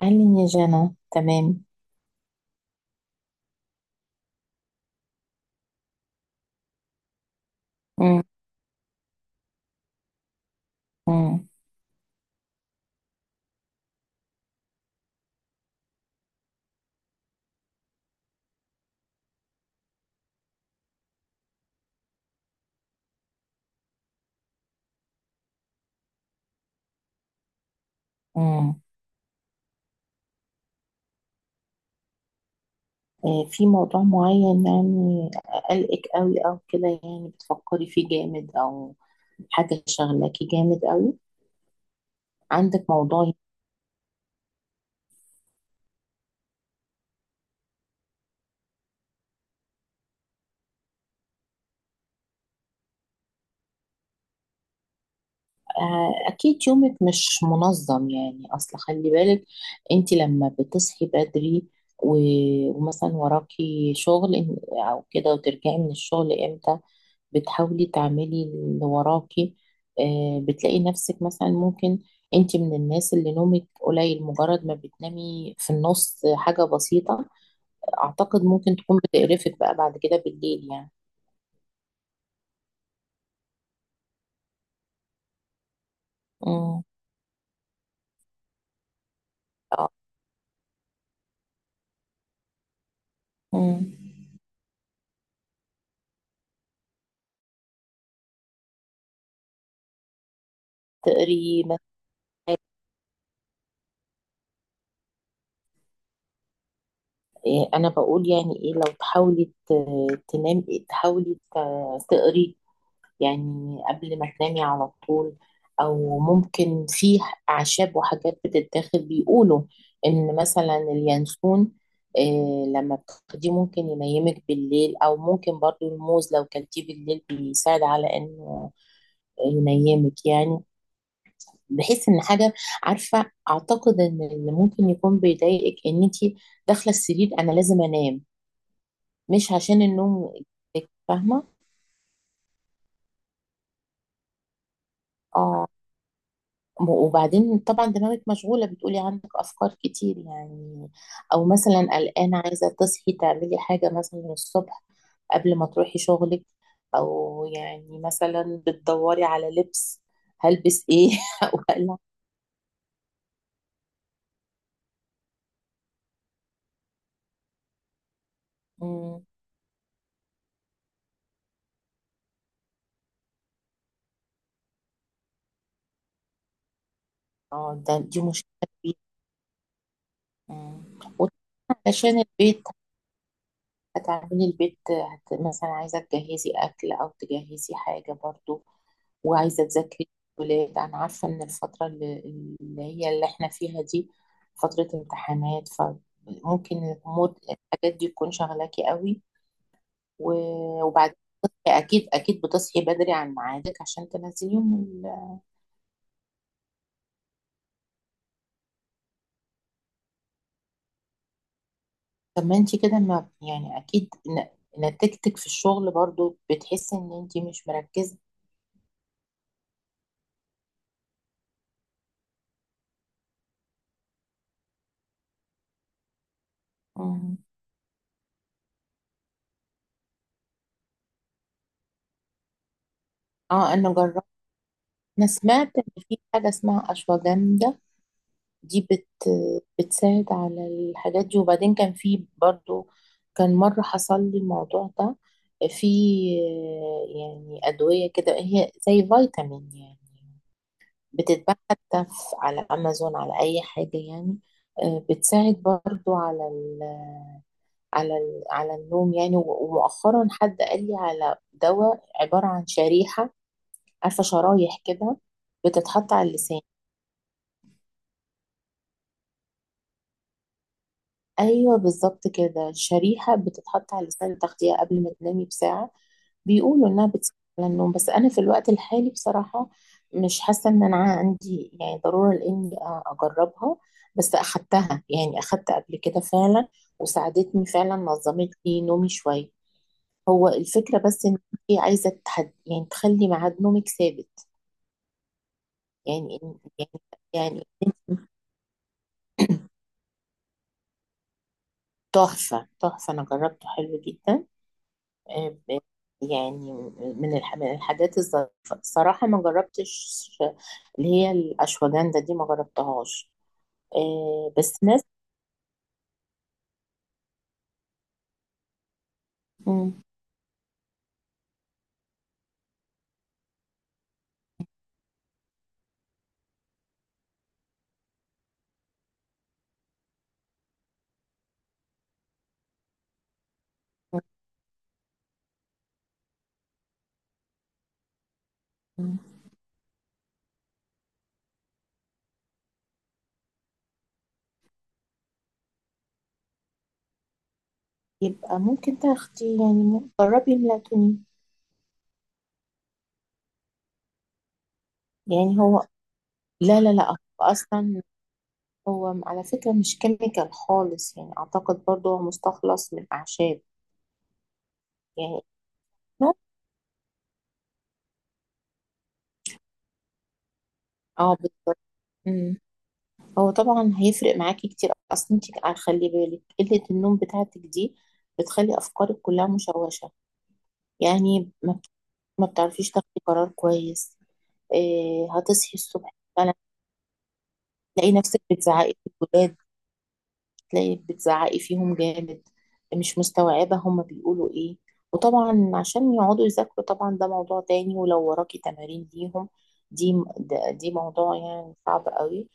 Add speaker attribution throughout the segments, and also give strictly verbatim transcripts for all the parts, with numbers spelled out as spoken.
Speaker 1: قال لي يا جنى تمام. مم. مم. مم. إيه في موضوع معين يعني؟ قلقك قوي او كده؟ يعني بتفكري فيه جامد، او حاجة شغلاكي جامد قوي؟ عندك موضوع؟ آه، اكيد يومك مش منظم يعني، اصل خلي بالك. انت لما بتصحي بدري، و- ومثلا وراكي شغل إن- او كده، وترجعي من الشغل امتى؟ بتحاولي تعملي اللي وراكي؟ آه، بتلاقي نفسك مثلا ممكن انت من الناس اللي نومك قليل؟ مجرد ما بتنامي في النص حاجة بسيطة، اعتقد ممكن تكون بتقرفك بقى بعد كده بالليل يعني. امم. اه. امم. تقري مثلا. آه، انا بقول يعني ايه، لو تحاولي ت- تنامي، تحاولي ت- تقري يعني قبل ما تنامي على طول. او ممكن في اعشاب وحاجات بتتاخد، بيقولوا ان مثلا اليانسون، آه، لما بتاخديه ممكن ينيمك بالليل. او ممكن برضو الموز لو كلتيه بالليل بيساعد على انه ينيمك يعني. بحيث ان حاجه، عارفه، اعتقد ان اللي ممكن يكون بيضايقك ان انت داخله السرير انا لازم انام، مش عشان النوم، فاهمه؟ اه. وبعدين طبعا دماغك مشغولة، بتقولي عندك أفكار كتير يعني. أو مثلا قلقانة عايزة تصحي تعملي حاجة مثلا الصبح قبل ما تروحي شغلك. أو يعني مثلا بتدوري على لبس هلبس إيه أو قلق. مم. اه، ده دي مشكلة كبيرة. مم. وطبعاً علشان البيت، هتعملي البيت، هت... مثلا عايزة تجهزي أكل أو تجهزي حاجة برضو، وعايزة أذاكر الولاد. أنا عارفة إن الفترة اللي اللي هي اللي إحنا فيها دي فترة امتحانات، فممكن الأمور، الحاجات دي، تكون شغلاكي قوي. و- وبعدين بتصحي- أكيد أكيد بتصحي بدري عن ميعادك عشان تنزليهم ال- طب ما أنت كده، ما يعني أكيد ن- نتيجتك في الشغل برضو بتحسي إن أنت مش مركزة. مم. أه، أنا جربت. أنا سمعت إن في حاجة اسمها أشواجندا، دي بت بتساعد على الحاجات دي. وبعدين كان في برضو، كان مرة حصل لي الموضوع ده، في، آه، يعني أدوية كده، هي زي فيتامين يعني، بتتباع حتى في- على أمازون، على أي حاجة يعني. آه، بتساعد برضو على ال على ال على النوم يعني. و- ومؤخرا حد قال لي على دواء عبارة عن شريحة، عارفة شرايح كده، بتتحط على اللسان. ايوه بالظبط كده، الشريحه بتتحط على لسان التغذيه قبل ما تنامي بساعه، بيقولوا انها بتساعد على النوم. بس انا في الوقت الحالي بصراحه مش حاسه ان انا عندي يعني ضروره لاني أ- اجربها. بس اخدتها يعني، اخدت قبل كده فعلا، وساعدتني فعلا، نظمت لي نومي شويه. هو الفكره بس ان انت عايزه تحد يعني تخلي ميعاد نومك ثابت. يعني إن- يعني يعني تحفه تحفه، انا جربته حلو جدا. آه، آه، يعني من الح- من الحاجات الظريفة الصراحة، ما جربتش اللي هي الأشواجندا دي، ما جربتهاش. آه، بس ناس. مم. مم. يبقى ممكن تاخدي يعني، م- جربي ميلاتونين. يعني هو، لا لا لا، هو أصلا، هو على فكرة مش كيميكال خالص يعني. أعتقد برضو هو مستخلص من أعشاب يعني. اه بالظبط. هو طبعا هيفرق معاكي كتير. اصلا انت على- خلي بالك قلة النوم بتاعتك دي بتخلي افكارك كلها مشوشة يعني. ما بت- ما بتعرفيش تاخدي قرار كويس. إيه هتصحي الصبح فعلا، تلاقي نفسك بتزعقي في الولاد، تلاقي بتزعقي فيهم جامد، مش مستوعبة هما بيقولوا ايه. وطبعا عشان يقعدوا يذاكروا طبعا، ده موضوع تاني. ولو وراكي تمارين ليهم دي، ده- دي موضوع يعني صعب قوي.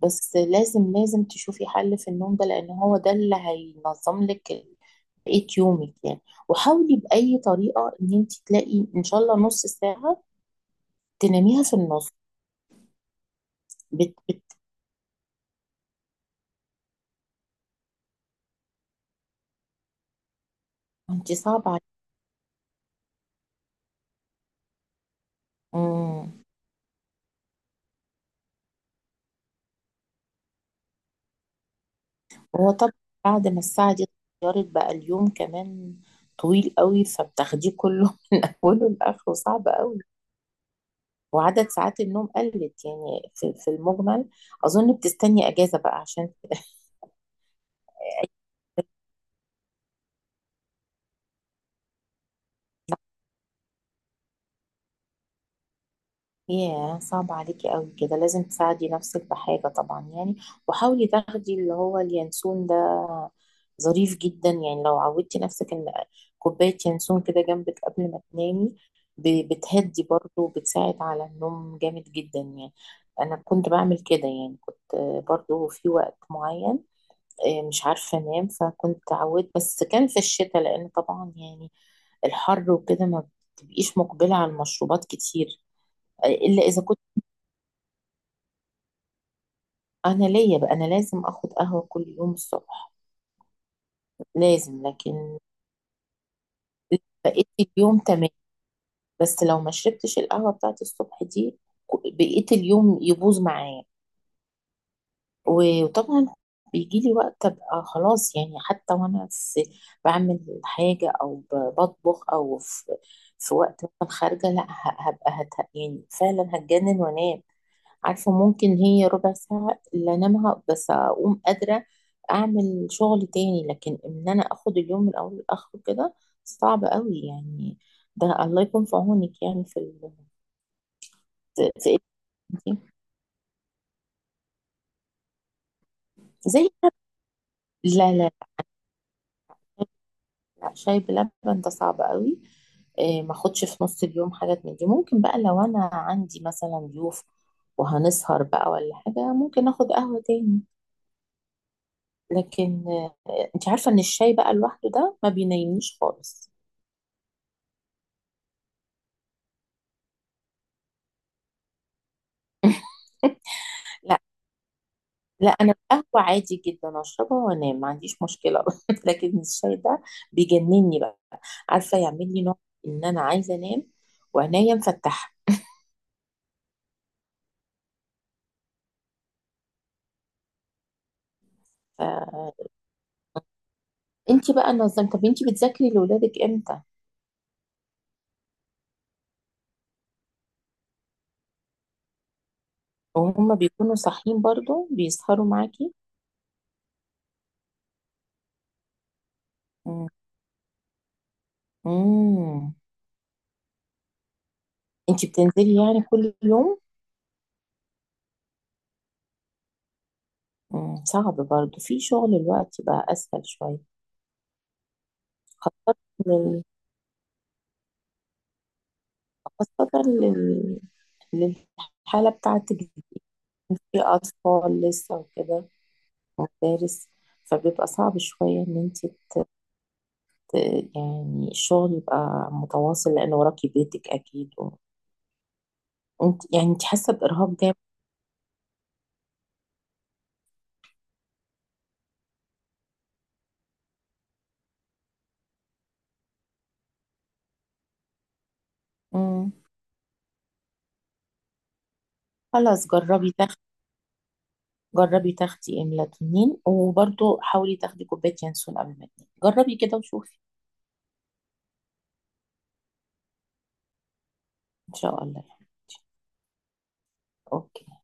Speaker 1: بس لازم لازم تشوفي حل في النوم ده، لان هو ده اللي هينظم لك ال- بقية يومك يعني. وحاولي بأي طريقة ان انت تلاقي ان شاء الله نص ساعة تناميها في النص. بت بت انت صعب عليكي. هو طبعا بعد ما الساعة دي اتغيرت بقى، اليوم كمان طويل قوي، فبتاخديه كله اوله لاخره صعب قوي. وعدد ساعات النوم قلت يعني في, في المجمل. اظن بتستني اجازة بقى عشان. ياه صعب عليكي قوي كده، لازم تساعدي نفسك بحاجة طبعا يعني. وحاولي تاخدي اللي هو اليانسون ده، ظريف جدا يعني. لو عودتي نفسك ان كوباية ينسون كده جنبك قبل ما تنامي، ب- بتهدي برضه وبتساعد على النوم جامد جدا يعني. انا كنت بعمل كده يعني، كنت برضه في وقت معين، آه، مش عارفة انام، فكنت عودت، بس كان في الشتاء لان طبعا يعني، الحر وكده ما بتبقيش مقبلة على المشروبات كتير. آه، الا اذا كنت، انا ليا بقى، انا لازم اخد قهوه كل يوم الصبح لازم. لكن بقيت اليوم تمام. بس لو ما شربتش القهوه بتاعت الصبح دي ك- بقيت اليوم يبوظ معايا. و- وطبعا بيجي لي وقت ابقى خلاص يعني، حتى وانا في بعمل حاجه او ب- بطبخ، او في في وقت مثلا خارجه، لا ه- هبقى هت يعني فعلا هتجنن وانام. عارفة ممكن هي ربع ساعة اللي انامها، بس اقوم قادرة اعمل شغل تاني. لكن ان انا اخد اليوم من اوله لاخره كده صعب قوي يعني. ده الله يكون في عونك يعني في ال... في في إيه؟ زي، لا لا لا، شاي بلبن ده صعب قوي. إيه، ما اخدش في نص اليوم حاجات من دي. ممكن بقى لو انا عندي مثلا ضيوف وهنسهر بقى ولا حاجة، ممكن اخد قهوة تاني. لكن آه، انت عارفة ان الشاي بقى لوحده ده ما بينيمنيش خالص. لا لا، انا القهوه عادي جدا اشربها وانام، ما عنديش مشكله. لكن الشاي ده بيجنني بقى، عارفه يعمل لي نوع ان انا عايزه انام وعينيا مفتحه. فانت بقى نظمت؟ طب انت بتذاكري لاولادك امتى؟ وهم بيكونوا صاحيين برضو، بيسهروا معاكي؟ امم. انت بتنزلي يعني كل يوم؟ مم. صعب برضو في شغل الوقت بقى اسهل شويه. خاصه لل... خاصه لل... للحاله بتاعتك، في أطفال لسه وكده، مدارس، فبيبقى صعب شوية إن أنت ت- يعني الشغل يبقى متواصل لأن وراكي بيتك أكيد. وأنت يعني، أنت حاسة بإرهاق جامد. مم. خلاص جربي تاخدي، جربي تاخدي إملاتونين، وبرضه حاولي تاخدي كوباية ينسون قبل ما تنامي، جربي كده وشوفي. إن شاء الله يعني. أوكي